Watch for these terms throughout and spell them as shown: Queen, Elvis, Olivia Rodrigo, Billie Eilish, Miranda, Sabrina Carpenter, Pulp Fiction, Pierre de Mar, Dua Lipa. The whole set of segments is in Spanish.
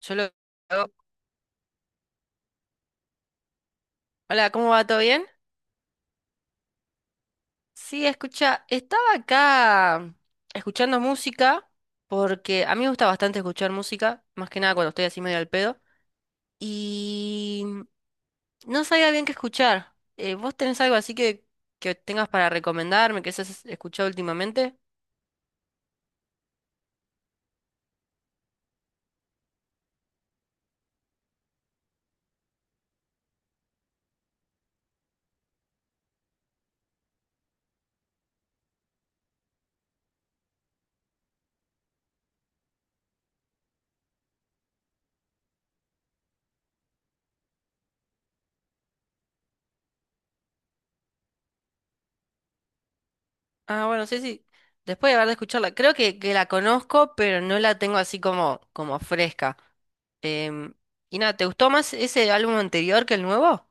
Yo lo hago. Hola, ¿cómo va? ¿Todo bien? Sí, escucha, estaba acá escuchando música porque a mí me gusta bastante escuchar música, más que nada cuando estoy así medio al pedo, y no sabía bien qué escuchar. ¿Vos tenés algo así que tengas para recomendarme, que hayas escuchado últimamente? Ah, bueno, sí, sí. Después de haber de escucharla, creo que la conozco, pero no la tengo así como, como fresca. Em, y nada, ¿te gustó más ese álbum anterior que el nuevo?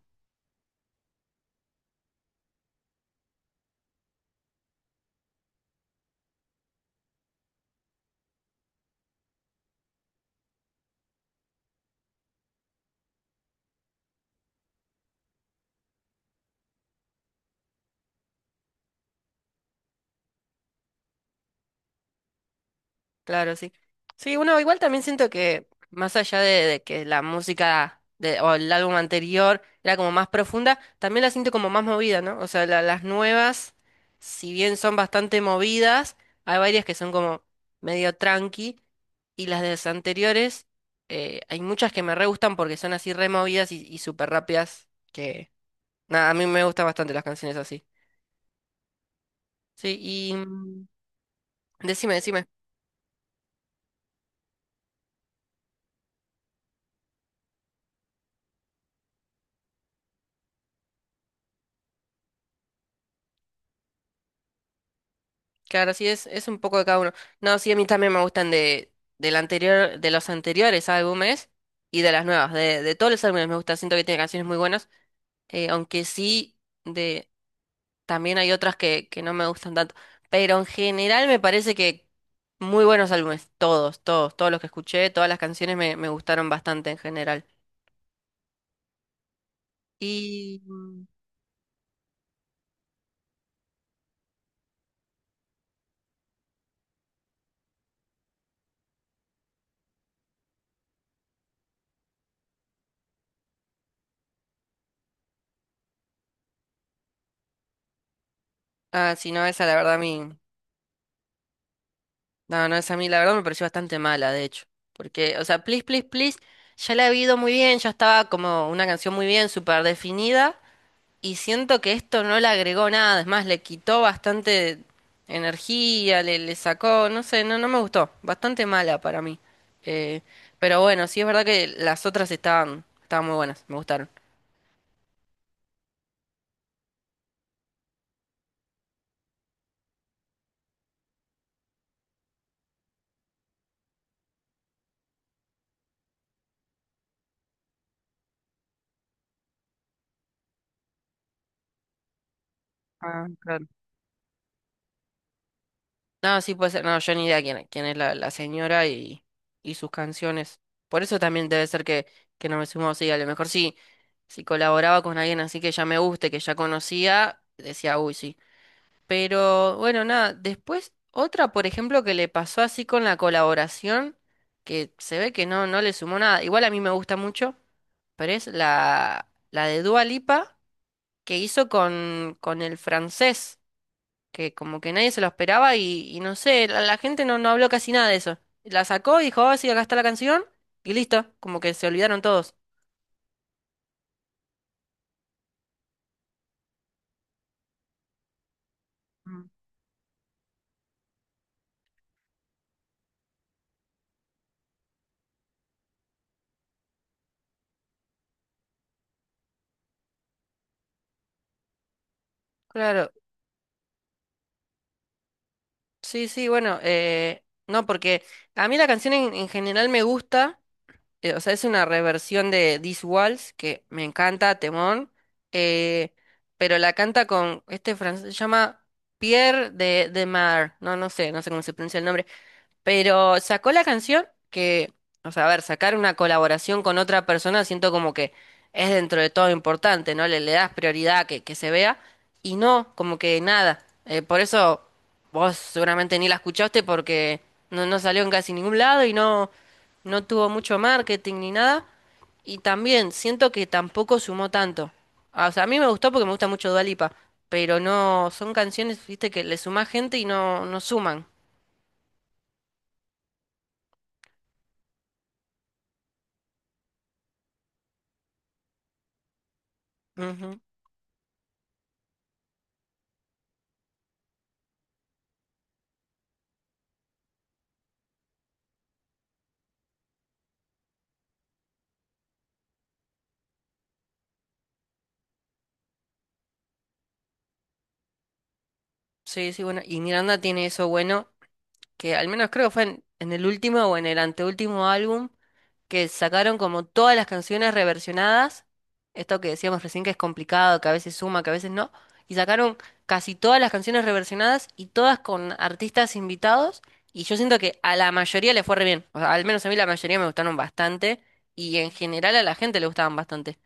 Claro, sí. Sí, bueno, igual también siento que más allá de que la música de, o el álbum anterior era como más profunda, también la siento como más movida, ¿no? O sea, las nuevas, si bien son bastante movidas, hay varias que son como medio tranqui, y las de las anteriores, hay muchas que me re gustan porque son así re movidas y súper rápidas, que nada, a mí me gustan bastante las canciones así. Sí, y decime, decime. Claro, sí, es un poco de cada uno. No, sí, a mí también me gustan del anterior, de los anteriores álbumes y de las nuevas. De todos los álbumes me gusta, siento que tiene canciones muy buenas. Aunque sí, de, también hay otras que no me gustan tanto. Pero en general me parece que muy buenos álbumes. Todos, todos, todos los que escuché, todas las canciones me gustaron bastante en general. Y... mm, Ah, sí, no, esa la verdad a mí. No, no, esa a mí la verdad me pareció bastante mala, de hecho. Porque, o sea, Please, Please, Please, ya la he oído muy bien, ya estaba como una canción muy bien, súper definida. Y siento que esto no le agregó nada, es más, le quitó bastante energía, le sacó, no sé, no, no me gustó. Bastante mala para mí. Eh, pero bueno, sí es verdad que las otras estaban muy buenas, me gustaron. Ah, claro. No, sí puede ser. No, yo ni idea quién es la señora y sus canciones. Por eso también debe ser que no me sumo. Sí, a lo mejor sí, si colaboraba con alguien así que ya me guste, que ya conocía, decía, uy, sí. Pero bueno, nada. Después, otra, por ejemplo, que le pasó así con la colaboración, que se ve que no, no le sumó nada. Igual a mí me gusta mucho, pero es la de Dua Lipa que hizo con el francés que como que nadie se lo esperaba y no sé, la gente no, no habló casi nada de eso. La sacó y dijo, ah, sí, acá está la canción y listo, como que se olvidaron todos. Mm. Claro, sí, sí, bueno, no, porque a mí la canción en general me gusta, o sea, es una reversión de This Waltz, que me encanta, temón, eh, pero la canta con este francés, se llama Pierre de Mar, no, no sé, no sé cómo se pronuncia el nombre. Pero sacó la canción que, o sea, a ver, sacar una colaboración con otra persona siento como que es dentro de todo importante, ¿no? Le das prioridad a que se vea y no, como que nada. Por eso vos seguramente ni la escuchaste porque no, no salió en casi ningún lado y no, no tuvo mucho marketing ni nada. Y también siento que tampoco sumó tanto. Ah, o sea, a mí me gustó porque me gusta mucho Dua Lipa, pero no, son canciones, viste, que le suma gente y no, no suman. Ujú. Sí, sí, bueno. Y Miranda tiene eso bueno, que al menos creo que fue en el último o en el anteúltimo álbum, que sacaron como todas las canciones reversionadas. Esto que decíamos recién que es complicado, que a veces suma, que a veces no. Y sacaron casi todas las canciones reversionadas y todas con artistas invitados. Y yo siento que a la mayoría le fue re bien. O sea, al menos a mí la mayoría me gustaron bastante. Y en general a la gente le gustaban bastante.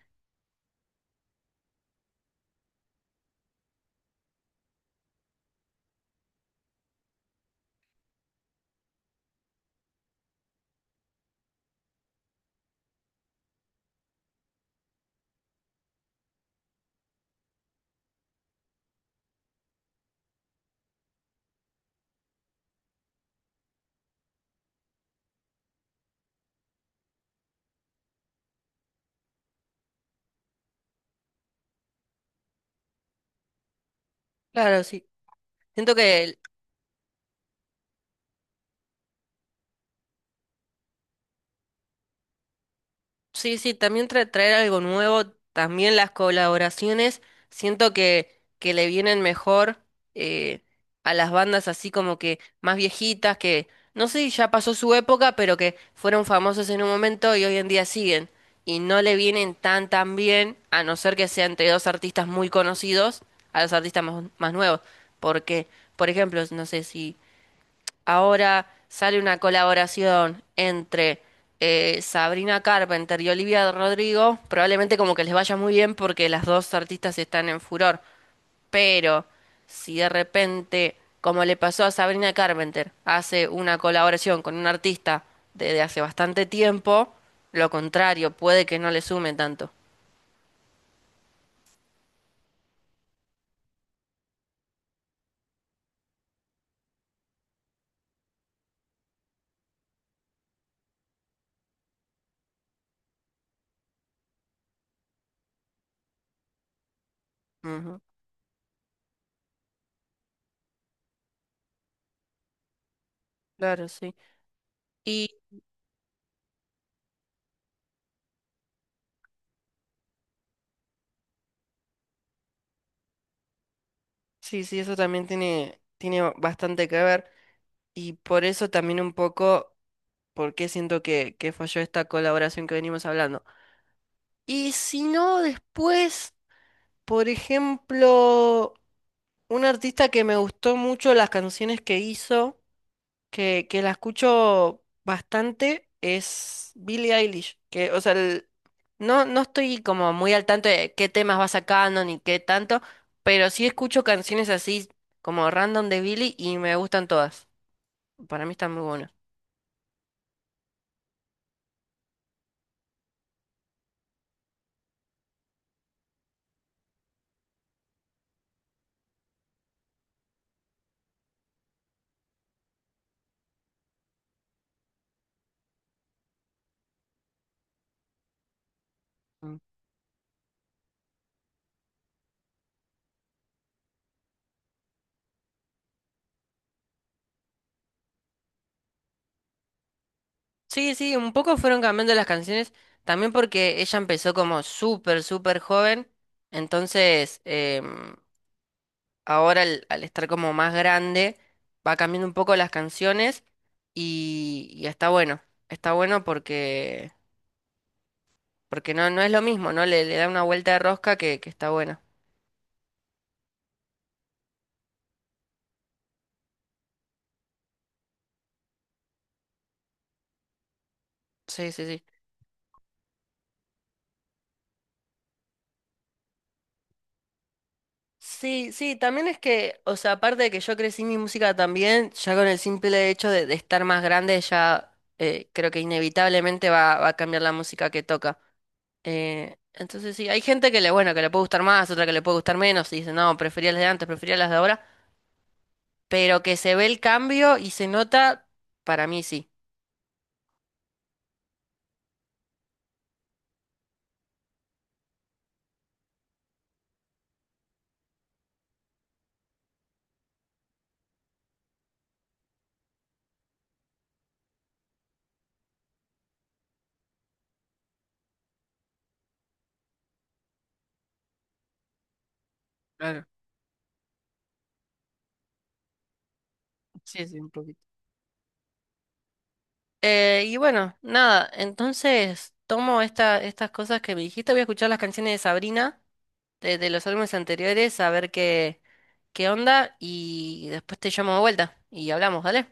Claro, sí. Siento que sí, sí, también traer algo nuevo, también las colaboraciones, siento que le vienen mejor eh, a las bandas así como que más viejitas, que no sé, si ya pasó su época, pero que fueron famosos en un momento y hoy en día siguen. Y no le vienen tan tan bien, a no ser que sea entre dos artistas muy conocidos, a los artistas más, más nuevos. Porque, por ejemplo, no sé si... Ahora sale una colaboración entre Sabrina Carpenter y Olivia Rodrigo. Probablemente como que les vaya muy bien porque las dos artistas están en furor. Pero si de repente, como le pasó a Sabrina Carpenter, hace una colaboración con un artista desde hace bastante tiempo, lo contrario, puede que no le sume tanto. Ujú. Claro, sí. Y sí, sí, eso también tiene, tiene bastante que ver. Y por eso también un poco por qué siento que falló esta colaboración que venimos hablando. Y si no, después, por ejemplo, un artista que me gustó mucho las canciones que hizo, que la escucho bastante, es Billie Eilish. Que, o sea, no, no estoy como muy al tanto de qué temas va sacando ni qué tanto, pero sí escucho canciones así como random de Billie y me gustan todas. Para mí están muy buenas. Sí, sí, un poco fueron cambiando las canciones, también porque ella empezó como súper, súper joven, entonces ahora al estar como más grande va cambiando un poco las canciones y está bueno porque, porque no, no es lo mismo, ¿no? Le da una vuelta de rosca que está bueno. Sí, sí, sí. Sí, sí, también es que, o sea, aparte de que yo crecí mi música también, ya con el simple hecho de estar más grande, ya creo que inevitablemente va a cambiar la música que toca. Entonces sí, hay gente que le, bueno, que le puede gustar más, otra que le puede gustar menos, y dice, no, prefería las de antes, prefería las de ahora, pero que se ve el cambio y se nota, para mí sí. Claro, sí, sí, un poquito. Y bueno, nada, entonces tomo esta, estas cosas que me dijiste, voy a escuchar las canciones de Sabrina, de los álbumes anteriores a ver qué, qué onda y después te llamo de vuelta y hablamos, ¿dale?